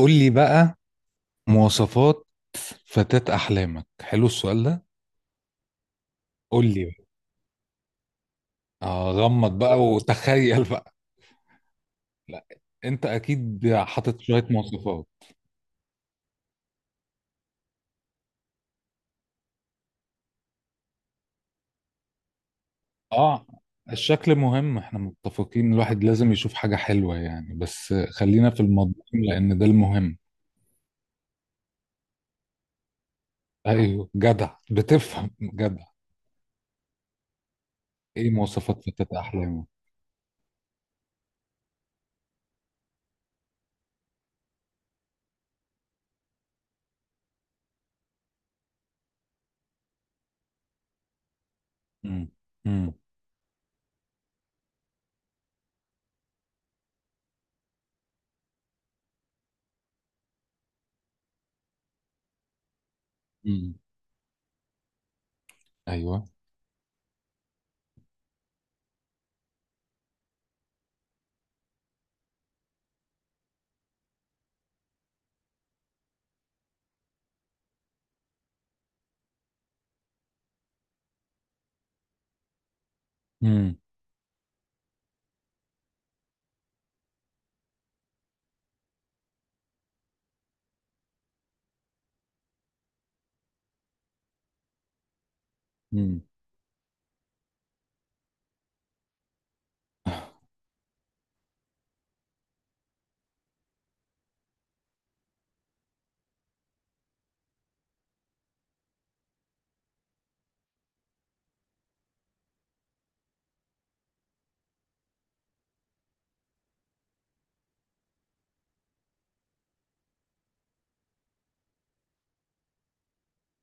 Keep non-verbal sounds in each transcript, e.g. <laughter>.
قول لي بقى مواصفات فتاة أحلامك. حلو السؤال ده، قول لي بقى. غمض بقى وتخيل بقى. لا، أنت أكيد حاطط شوية مواصفات. آه الشكل مهم، احنا متفقين، الواحد لازم يشوف حاجة حلوة يعني، بس خلينا في المضمون لأن ده المهم. أيوه، جدع بتفهم، جدع. إيه مواصفات فتاة أحلامك؟ مم. مم. مم. أيوه. مم. مم.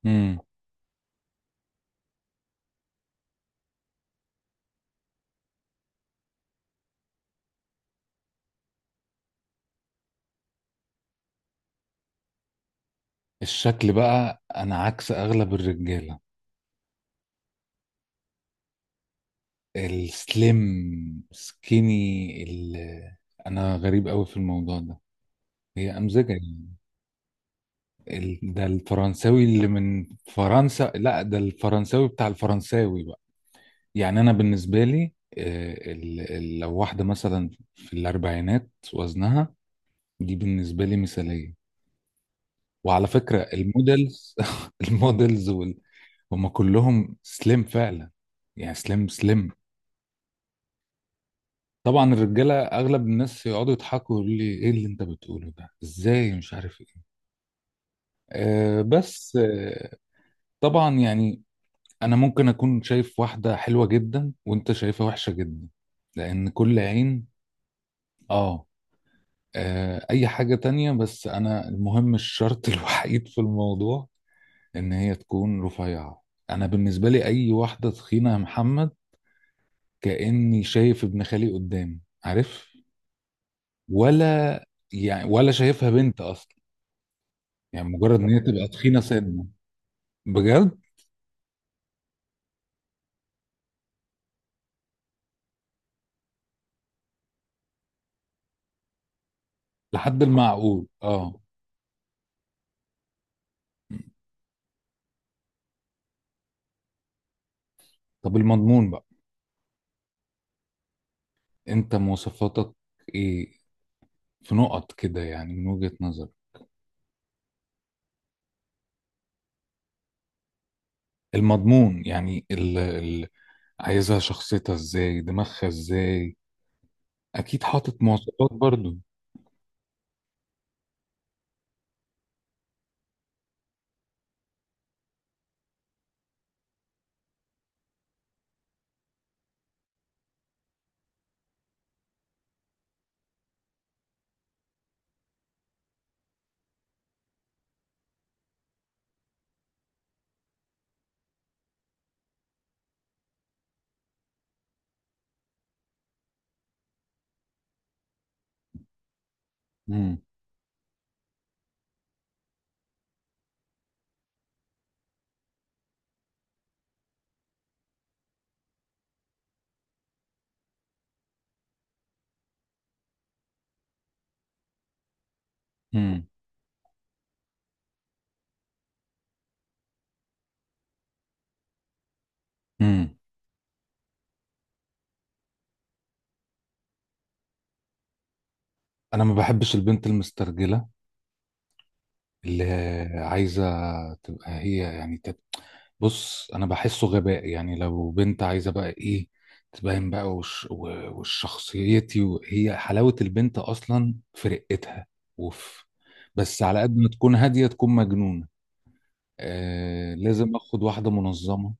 مم. الشكل بقى أنا عكس أغلب الرجالة. السليم سكيني، انا غريب قوي في الموضوع ده، هي امزجه يعني. ده الفرنساوي اللي من فرنسا، لا ده الفرنساوي بتاع الفرنساوي بقى. يعني انا بالنسبه لي، لو واحده مثلا في الاربعينات وزنها، دي بالنسبه لي مثاليه. وعلى فكره المودلز، <laughs> المودلز هم كلهم سليم فعلا، يعني سليم سليم. طبعا الرجاله، اغلب الناس يقعدوا يضحكوا يقولوا لي ايه اللي انت بتقوله ده، ازاي، مش عارف ايه. أه بس أه طبعا يعني انا ممكن اكون شايف واحده حلوه جدا وانت شايفها وحشه جدا، لان كل عين. اه. اي حاجه تانية، بس انا المهم الشرط <laughs> الوحيد في الموضوع ان هي تكون رفيعه. انا بالنسبه لي اي واحده تخينه يا محمد كاني شايف ابن خالي قدامي، عارف، ولا يعني ولا شايفها بنت اصلا. يعني مجرد ان هي تبقى تخينه سنه. بجد. لحد المعقول اه. طب المضمون بقى، انت مواصفاتك ايه؟ في نقط كده يعني من وجهة نظرك. المضمون يعني ال عايزها شخصيتها ازاي، دماغها ازاي، اكيد حاطط مواصفات برضو. امم. امم. امم. انا ما بحبش البنت المسترجله اللي عايزة تبقى هي يعني بص، أنا بحسه غباء يعني. لو بنت عايزة بقى إيه تبين بقى وشخصيتي، وهي حلاوة البنت أصلا في رقتها. أوف. بس على قد ما تكون هادية تكون مجنونة. لازم أخد واحدة منظمة،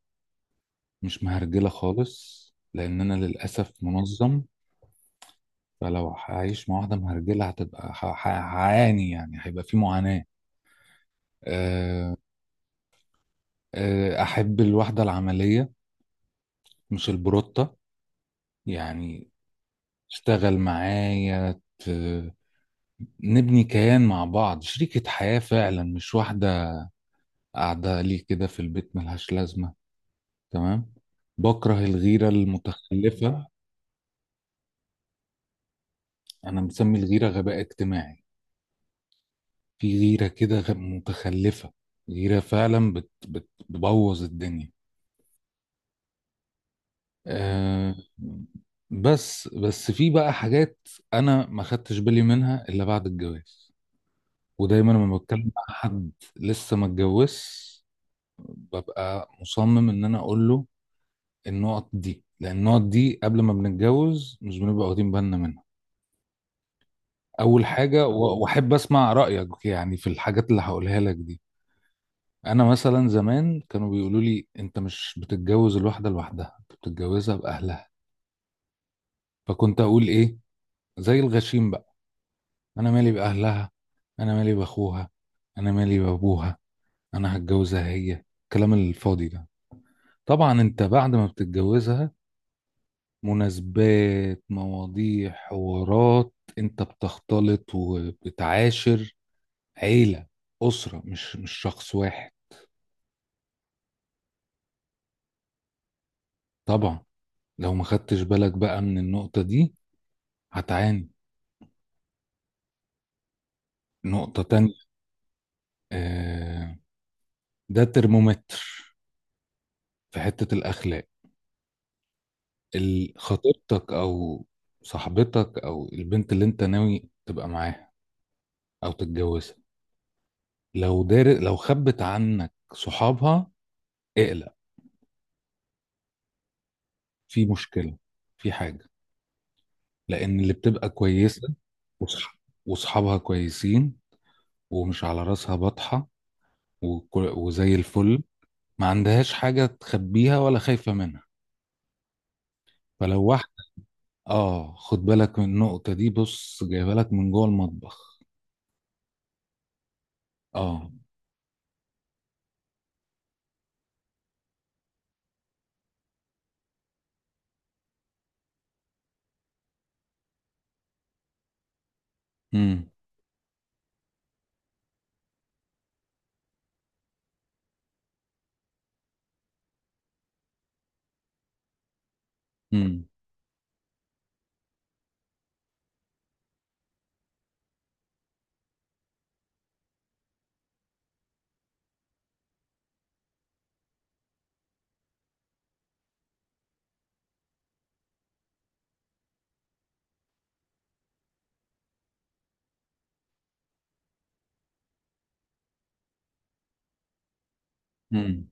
مش مهرجلة خالص، لأن أنا للأسف منظم، فلو هعيش مع واحدة مهرجلة هعاني، يعني هيبقى في معاناة. آه، احب الوحدة العملية مش البروتة، يعني اشتغل معايا، نبني كيان مع بعض، شريكة حياة فعلا، مش واحدة قاعدة لي كده في البيت ملهاش لازمة. تمام. بكره الغيرة المتخلفة. انا مسمي الغيرة غباء اجتماعي. في غيرة كده متخلفة، غيرة فعلا بت بت بتبوظ الدنيا. أه. بس في بقى حاجات انا ما خدتش بالي منها الا بعد الجواز، ودايما لما بتكلم مع حد لسه ما اتجوزش ببقى مصمم ان انا اقول له النقط دي، لان النقط دي قبل ما بنتجوز مش بنبقى واخدين بالنا منها. اول حاجه، واحب اسمع رايك يعني في الحاجات اللي هقولها لك دي. انا مثلا زمان كانوا بيقولوا لي انت مش بتتجوز الواحده لوحدها، انت بتتجوزها باهلها، فكنت اقول ايه، زي الغشيم بقى، انا مالي باهلها، انا مالي باخوها، انا مالي بابوها، انا هتجوزها هي، الكلام الفاضي ده. طبعا انت بعد ما بتتجوزها مناسبات، مواضيع، حوارات، انت بتختلط وبتعاشر عيلة، أسرة، مش شخص واحد. طبعا لو ما خدتش بالك بقى من النقطة دي هتعاني. نقطة تانية. آه، ده ترمومتر في حتة الأخلاق. خطيبتك أو صاحبتك أو البنت اللي انت ناوي تبقى معاها أو تتجوزها، لو دار، لو خبت عنك صحابها اقلق، في مشكلة، في حاجة، لأن اللي بتبقى كويسة وصح- وصحابها كويسين ومش على راسها بطحة وزي الفل، ما عندهاش حاجة تخبيها ولا خايفة منها. فلو واحد اه، خد بالك من النقطة دي، بص جايبها لك من جوه المطبخ. اه. امم. امم. امم.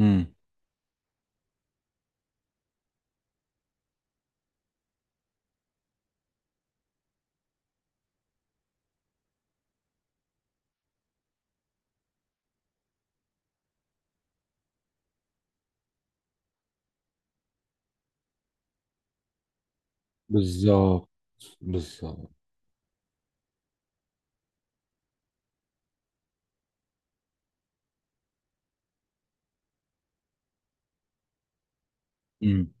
امم. بالظبط، بالظبط. امم.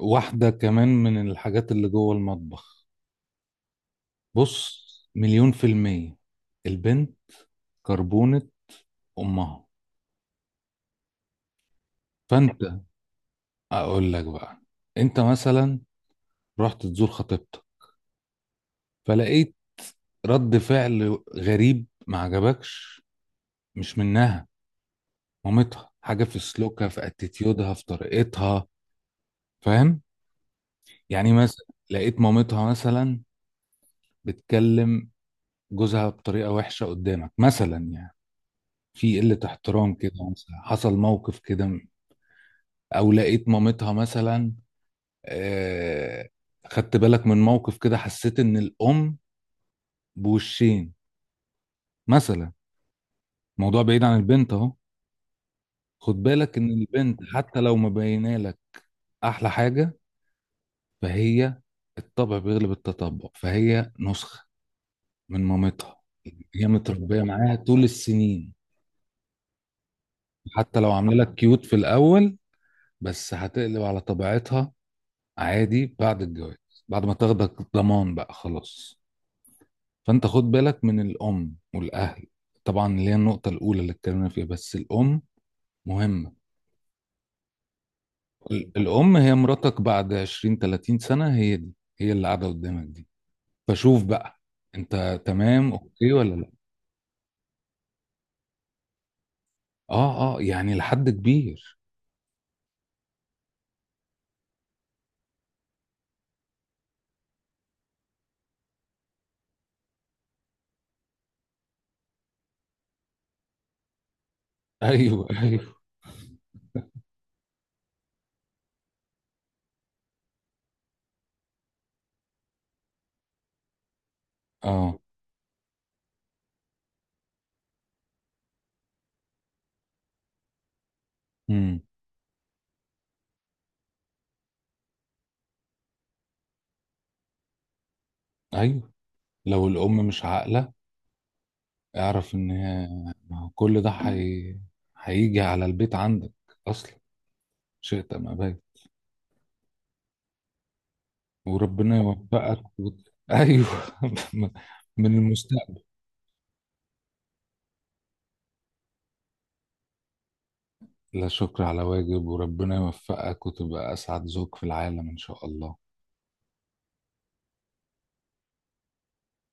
واحدة كمان من الحاجات اللي جوه المطبخ، بص، مليون في المية البنت كربونة امها. فانت، اقول لك بقى، انت مثلا رحت تزور خطيبتك فلقيت رد فعل غريب ما عجبكش، مش منها، مامتها، حاجه في سلوكها في اتيتيودها في طريقتها، فاهم؟ يعني مثلا لقيت مامتها مثلا بتكلم جوزها بطريقه وحشه قدامك مثلا يعني، في قله احترام كده مثلا، حصل موقف كده. او لقيت مامتها مثلا، آه، خدت بالك من موقف كده، حسيت ان الام بوشين مثلا، موضوع بعيد عن البنت اهو. خد بالك ان البنت حتى لو مبينه لك احلى حاجه، فهي، الطبع بيغلب التطبع، فهي نسخه من مامتها، هي متربيه معاها طول السنين، حتى لو عامله لك كيوت في الاول بس هتقلب على طبيعتها عادي بعد الجواز، بعد ما تاخدك ضمان بقى خلاص. فانت خد بالك من الام والاهل، طبعا اللي هي النقطه الاولى اللي اتكلمنا فيها، بس الام مهمه. الأم هي مراتك بعد 20 30 سنة، هي دي هي اللي قاعدة قدامك دي، فشوف بقى أنت تمام أوكي ولا لأ. أه أه، يعني لحد كبير. <laughs> أيوه أيوه. أه. امم. أيوه. لو الأم مش عاقلة اعرف إن هي، ما هو كل ده هيجي على البيت عندك أصلا، شئت أم أبيت. وربنا يوفقك أيوه. <laughs> من المستقبل. لا شكر على واجب، وربنا يوفقك وتبقى أسعد زوج في العالم إن شاء الله.